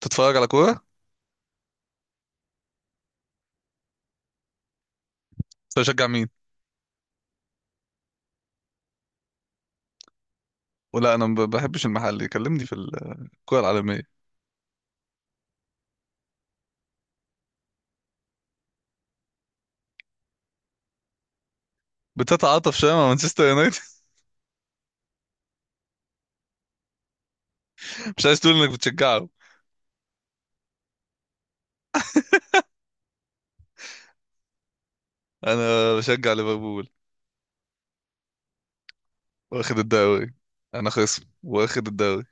تتفرج على كوره؟ انت بتشجع مين؟ ولا انا ما بحبش المحلي، كلمني في الكوره العالميه. بتتعاطف شويه مع مانشستر يونايتد. مش عايز تقول انك بتشجعه؟ انا بشجع ليفربول، واخد الدوري. انا خصم واخد الدوري،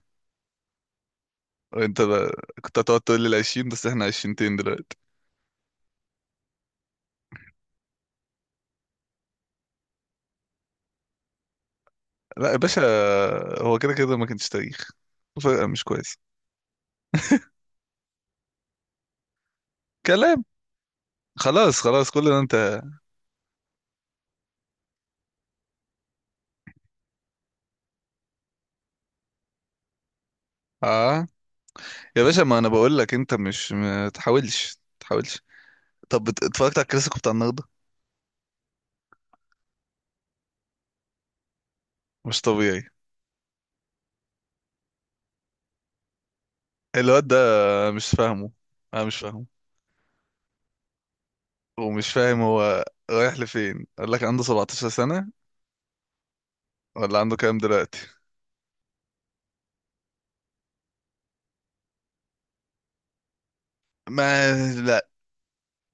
وانت بقى. كنت هتقعد تقول لي العشرين، بس احنا عشرينتين دلوقتي. لا يا باشا، هو كده كده ما كانش تاريخ. فرقه مش كويس. كلام. خلاص خلاص، كل ده انت. اه يا باشا، ما انا بقول لك انت مش، ما تحاولش ما تحاولش. طب اتفرجت على الكلاسيكو بتاع النهارده. مش طبيعي. الواد ده. مش فاهمه. انا مش فاهمه. ومش فاهم هو رايح لفين؟ قال لك عنده 17 سنة؟ ولا عنده كام دلوقتي؟ ما لا،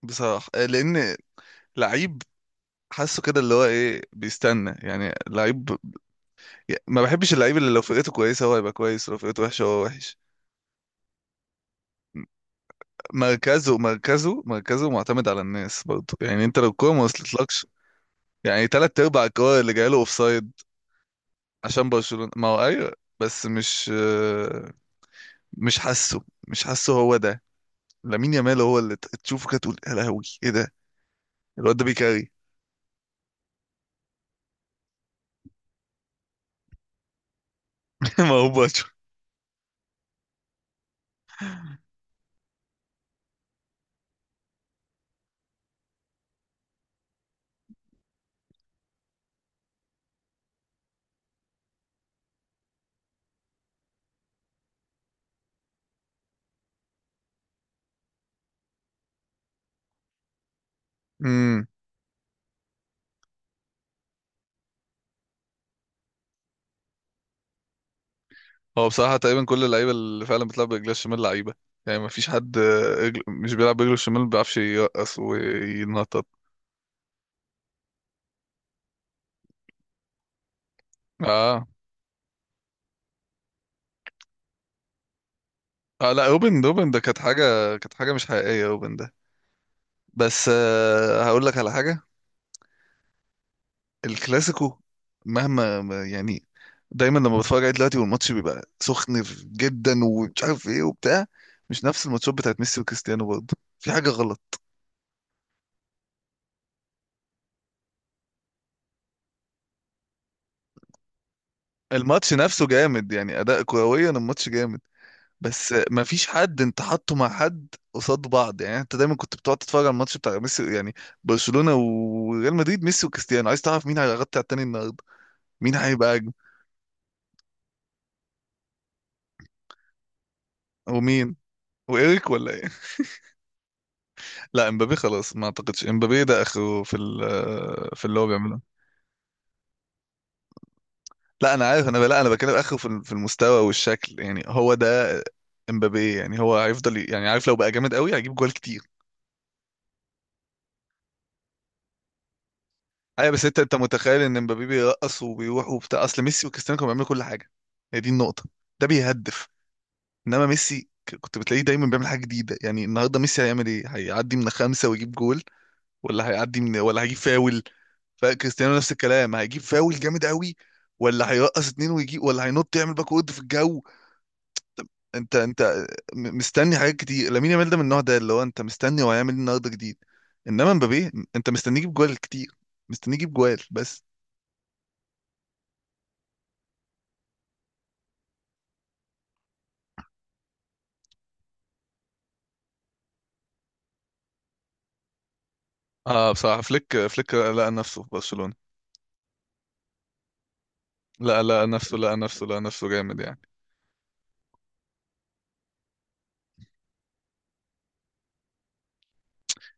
بصراحة لان، لعيب. حاسه كده اللي هو ايه بيستنى، يعني لعيب. ما بحبش اللعيب اللي لو فرقته كويسة هو هيبقى كويس، ولو فرقته وحشة هو وحش. مركزه مركزه مركزه معتمد على الناس برضه، يعني انت لو الكوره ما وصلتلكش. يعني تلات ارباع الكور اللي جايله اوفسايد عشان برشلونة. ما هو ايوه، بس مش حاسه هو ده. لامين يامال هو اللي تشوفه كده، تقول يا لهوي ايه ده. الواد ده بيكاري. ما هو باتشو. امم. هو بصراحه تقريبا كل اللعيبه اللي فعلا بتلعب برجلها الشمال لعيبه. يعني ما فيش حد، مش بيلعب برجله الشمال، ما بيعرفش يرقص وينطط. اه. اه لا، روبن روبن ده كانت حاجه. كانت حاجه مش حقيقيه روبن ده. بس هقول لك على حاجه. الكلاسيكو، مهما يعني، دايما لما بتفرج عليه دلوقتي والماتش بيبقى سخن جدا ومش عارف ايه وبتاع، مش نفس الماتشات بتاعت ميسي وكريستيانو، برضه في حاجة غلط. الماتش نفسه جامد، يعني اداء كرويا الماتش جامد، بس ما فيش حد انت حاطه مع حد قصاد بعض. يعني انت دايما كنت بتقعد تتفرج على الماتش بتاع ميسي، يعني برشلونة وريال مدريد، ميسي وكريستيانو، عايز تعرف مين هيغطي على التاني النهارده، مين هيبقى اجمل. ومين، وايريك ولا إيه؟ لا امبابي خلاص، ما اعتقدش امبابي ده اخره في في اللي هو بيعمله. لا انا عارف، انا، لا انا بتكلم اخره في في المستوى والشكل، يعني هو ده امبابي. يعني هو هيفضل يعني عارف، لو بقى جامد قوي هيجيب جوال كتير. ايوه بس انت متخيل ان امبابي بيرقص وبيروح وبتاع؟ اصل ميسي وكريستيانو كانوا بيعملوا كل حاجه. هي دي النقطه. ده بيهدف، انما ميسي كنت بتلاقيه دايما بيعمل حاجه جديده. يعني النهارده ميسي هيعمل ايه، هيعدي من خمسه ويجيب جول؟ ولا هيعدي من ولا هيجيب فاول؟ فكريستيانو نفس الكلام، هيجيب فاول جامد قوي، ولا هيرقص اتنين ويجيب، ولا هينط يعمل باك وورد في الجو. انت مستني حاجات كتير لامين يامال، ده من النوع ده اللي هو انت مستني هو هيعمل ايه النهارده جديد، انما مبابي انت مستنيه يجيب جوال كتير، مستنيه يجيب جوال بس. اه بصراحة، فليك فليك لقى نفسه في برشلونة. لا لا، نفسه، لا نفسه، لا نفسه جامد يعني.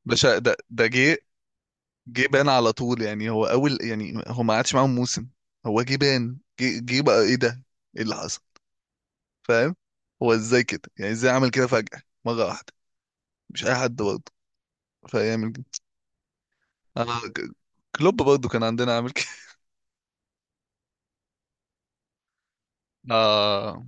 باشا ده جه، جه بان على طول. يعني هو اول، يعني هو ما قعدش معاهم موسم، هو جه بان. جه جه بقى ايه ده، ايه اللي حصل؟ فاهم؟ هو ازاي كده يعني؟ ازاي عمل كده فجأة مرة واحدة؟ مش اي حد برضه فيعمل كده. آه، كلوب برضه كان عندنا عامل كده. اه.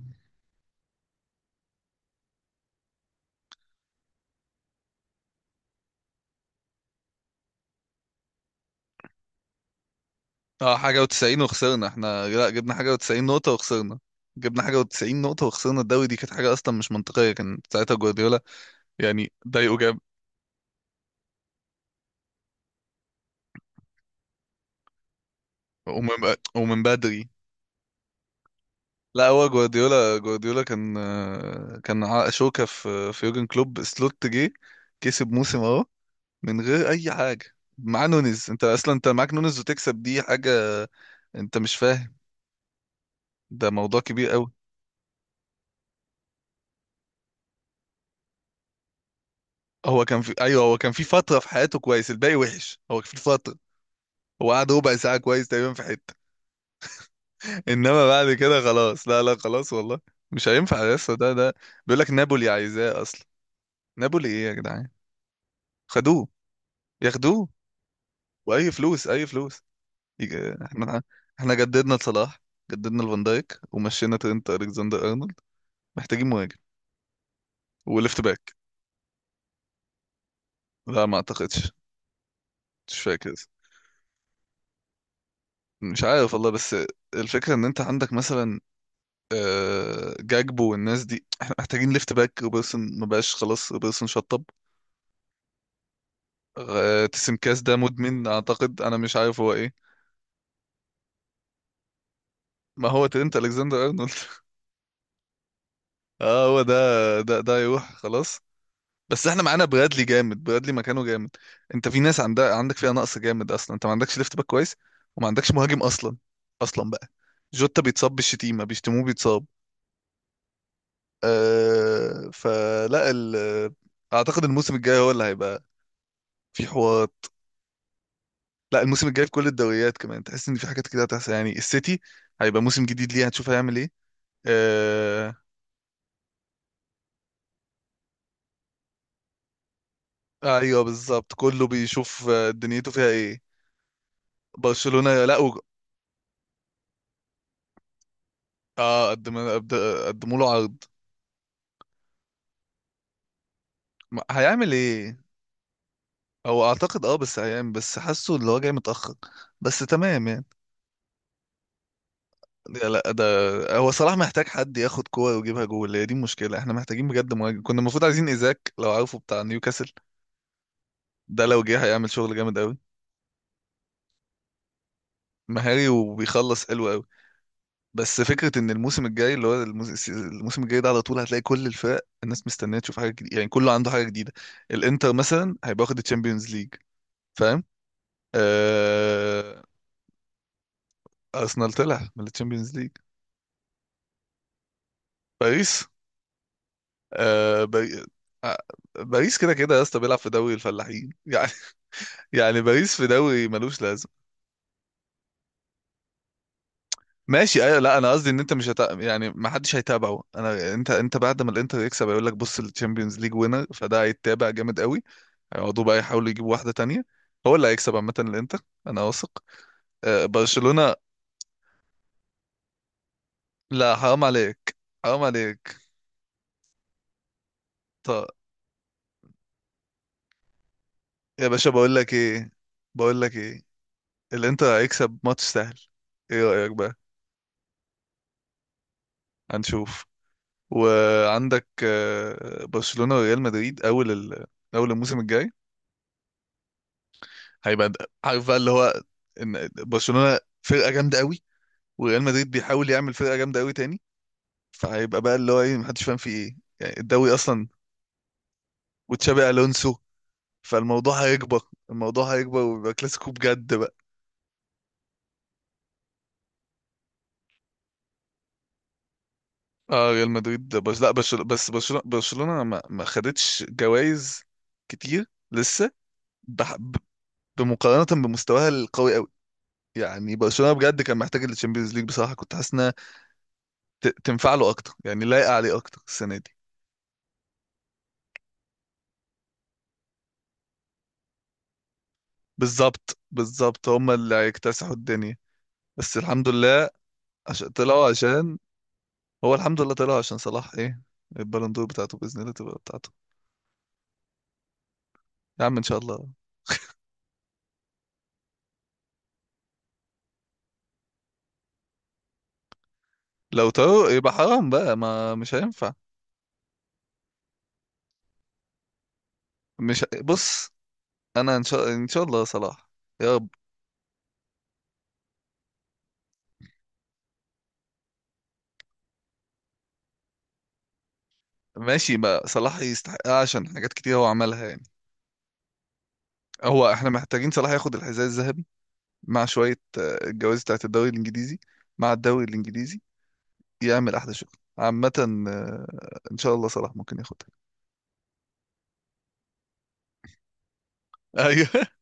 اه، حاجة و90 وخسرنا احنا. لا، جبنا حاجة و90 نقطة وخسرنا. جبنا حاجة و90 نقطة وخسرنا الدوري، دي كانت حاجة أصلا مش منطقية. كان ساعتها جوارديولا، يعني ضايقه، جاب. ومن ومن بدري. لا هو جوارديولا، جوارديولا كان، كان شوكة في يورجن كلوب. سلوت جه كسب موسم اهو، من غير اي حاجه، مع نونز. انت اصلا انت معاك نونز وتكسب، دي حاجه. انت مش فاهم، ده موضوع كبير قوي. هو كان في، ايوه هو كان في فتره في حياته كويس. الباقي وحش. هو في فتره، هو قعد ربع ساعه كويس تقريبا في حته. انما بعد كده خلاص. لا لا، خلاص والله، مش هينفع لسه، ده ده. بيقول لك نابولي عايزاه اصلا. نابولي ايه يا جدعان؟ خدوه. ياخدوه. واي فلوس، اي فلوس. يج- احنا احنا جددنا لصلاح، جددنا لفان دايك، ومشينا ترينت الكسندر ارنولد. محتاجين مهاجم وليفت باك. لا ما اعتقدش، مش فاكر. مش عارف والله، بس الفكرة ان انت عندك مثلا، جاكبو والناس دي. احنا محتاجين ليفت باك. روبرتسون ما بقاش خلاص، روبرتسون شطب. تسم كاس ده مدمن اعتقد، انا مش عارف هو ايه. ما هو ترينت الكسندر ارنولد. اه، هو ده يروح خلاص. بس احنا معانا برادلي جامد، برادلي مكانه جامد. انت في ناس عندك فيها نقص جامد اصلا. انت ما عندكش ليفت باك كويس، وما عندكش مهاجم اصلا اصلا بقى. جوتا بيتصاب، بالشتيمة بيشتموه بيتصاب. أه فلا. ال... اعتقد الموسم الجاي هو اللي هيبقى في حوار. لا الموسم الجاي في كل الدوريات كمان، تحس ان في حاجات كده هتحصل. يعني السيتي هيبقى موسم جديد ليه، هتشوف هيعمل ايه. أه، ايوه بالظبط، كله بيشوف دنيته فيها ايه. برشلونة. لا اه، قدم، قدموا له عرض. هيعمل ايه؟ هو اعتقد، بس هيعمل، بس حاسه اللي هو جاي متأخر، بس تمام يعني. لا لا، ده هو صلاح محتاج حد ياخد كوره ويجيبها جول، هي دي المشكله. احنا محتاجين بجد مهاجم، كنا المفروض عايزين ايزاك لو عارفه بتاع نيوكاسل. ده لو جه هيعمل شغل جامد قوي. مهاري وبيخلص حلو قوي. بس فكره ان الموسم الجاي، اللي هو الموسم الجاي ده، على طول هتلاقي كل الفرق الناس مستنيه تشوف حاجه جديده. يعني كله عنده حاجه جديده. الانتر مثلا هيبقى واخد الشامبيونز ليج، فاهم؟ آه. ارسنال طلع من الشامبيونز ليج. باريس. آه... باري... آه، باريس كده كده يا اسطى، بيلعب في دوري الفلاحين يعني. يعني باريس في دوري ملوش لازمه. ماشي ايوه. لا انا قصدي ان انت مش، هت... يعني ما حدش هيتابعه. انا، انت بعد ما الانتر يكسب هيقول لك، بص، الشامبيونز ليج وينر، فده هيتابع جامد قوي. هيقعدوا بقى يحاولوا يجيبوا واحده تانية. هو اللي هيكسب عامه الانتر، انا واثق. آه، برشلونه. لا حرام عليك، حرام عليك. طب يا باشا، بقول لك ايه، بقول لك ايه، الانتر هيكسب ماتش سهل. ايه رايك بقى؟ هنشوف. وعندك، برشلونه وريال مدريد اول ال... اول الموسم الجاي، هيبقى عارف بقى اللي هو، ان برشلونه فرقه جامده قوي، وريال مدريد بيحاول يعمل فرقه جامده قوي تاني. فهيبقى بقى اللي هو ايه، محدش فاهم فيه ايه يعني الدوري اصلا. وتشابي الونسو. فالموضوع هيكبر، الموضوع هيكبر، ويبقى كلاسيكو بجد بقى. اه ريال مدريد، بس لا برشلونه، بس برشلونه ما خدتش جوائز كتير لسه. بح... ب- بمقارنه بمستواها القوي قوي. يعني برشلونه بجد كان محتاج التشامبيونز ليج، بصراحه كنت حاسس انها تنفع له اكتر، يعني لايقه عليه اكتر السنه دي. بالظبط بالظبط، هم اللي هيكتسحوا الدنيا، بس الحمد لله عشان طلعوا، عشان. هو الحمد لله طلعوا عشان صلاح، ايه، البالون دور بتاعته باذن الله تبقى بتاعته. يا عم ان شاء الله. لو طارق يبقى حرام بقى، ما مش هينفع. مش بص، انا ان شاء الله صلاح. يا رب. ماشي، ما صلاح يستحقها عشان حاجات كتير هو عملها يعني. هو احنا محتاجين صلاح ياخد الحذاء الذهبي، مع شويه، الجوائز بتاعت الدوري الانجليزي، مع الدوري الانجليزي، يعمل احلى شغل. عامه، آه، ان شاء الله صلاح ممكن ياخد. ايوه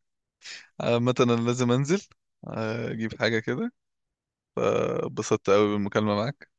عامة انا لازم انزل، آه، اجيب حاجة كده، فبسطت قوي بالمكالمة معاك.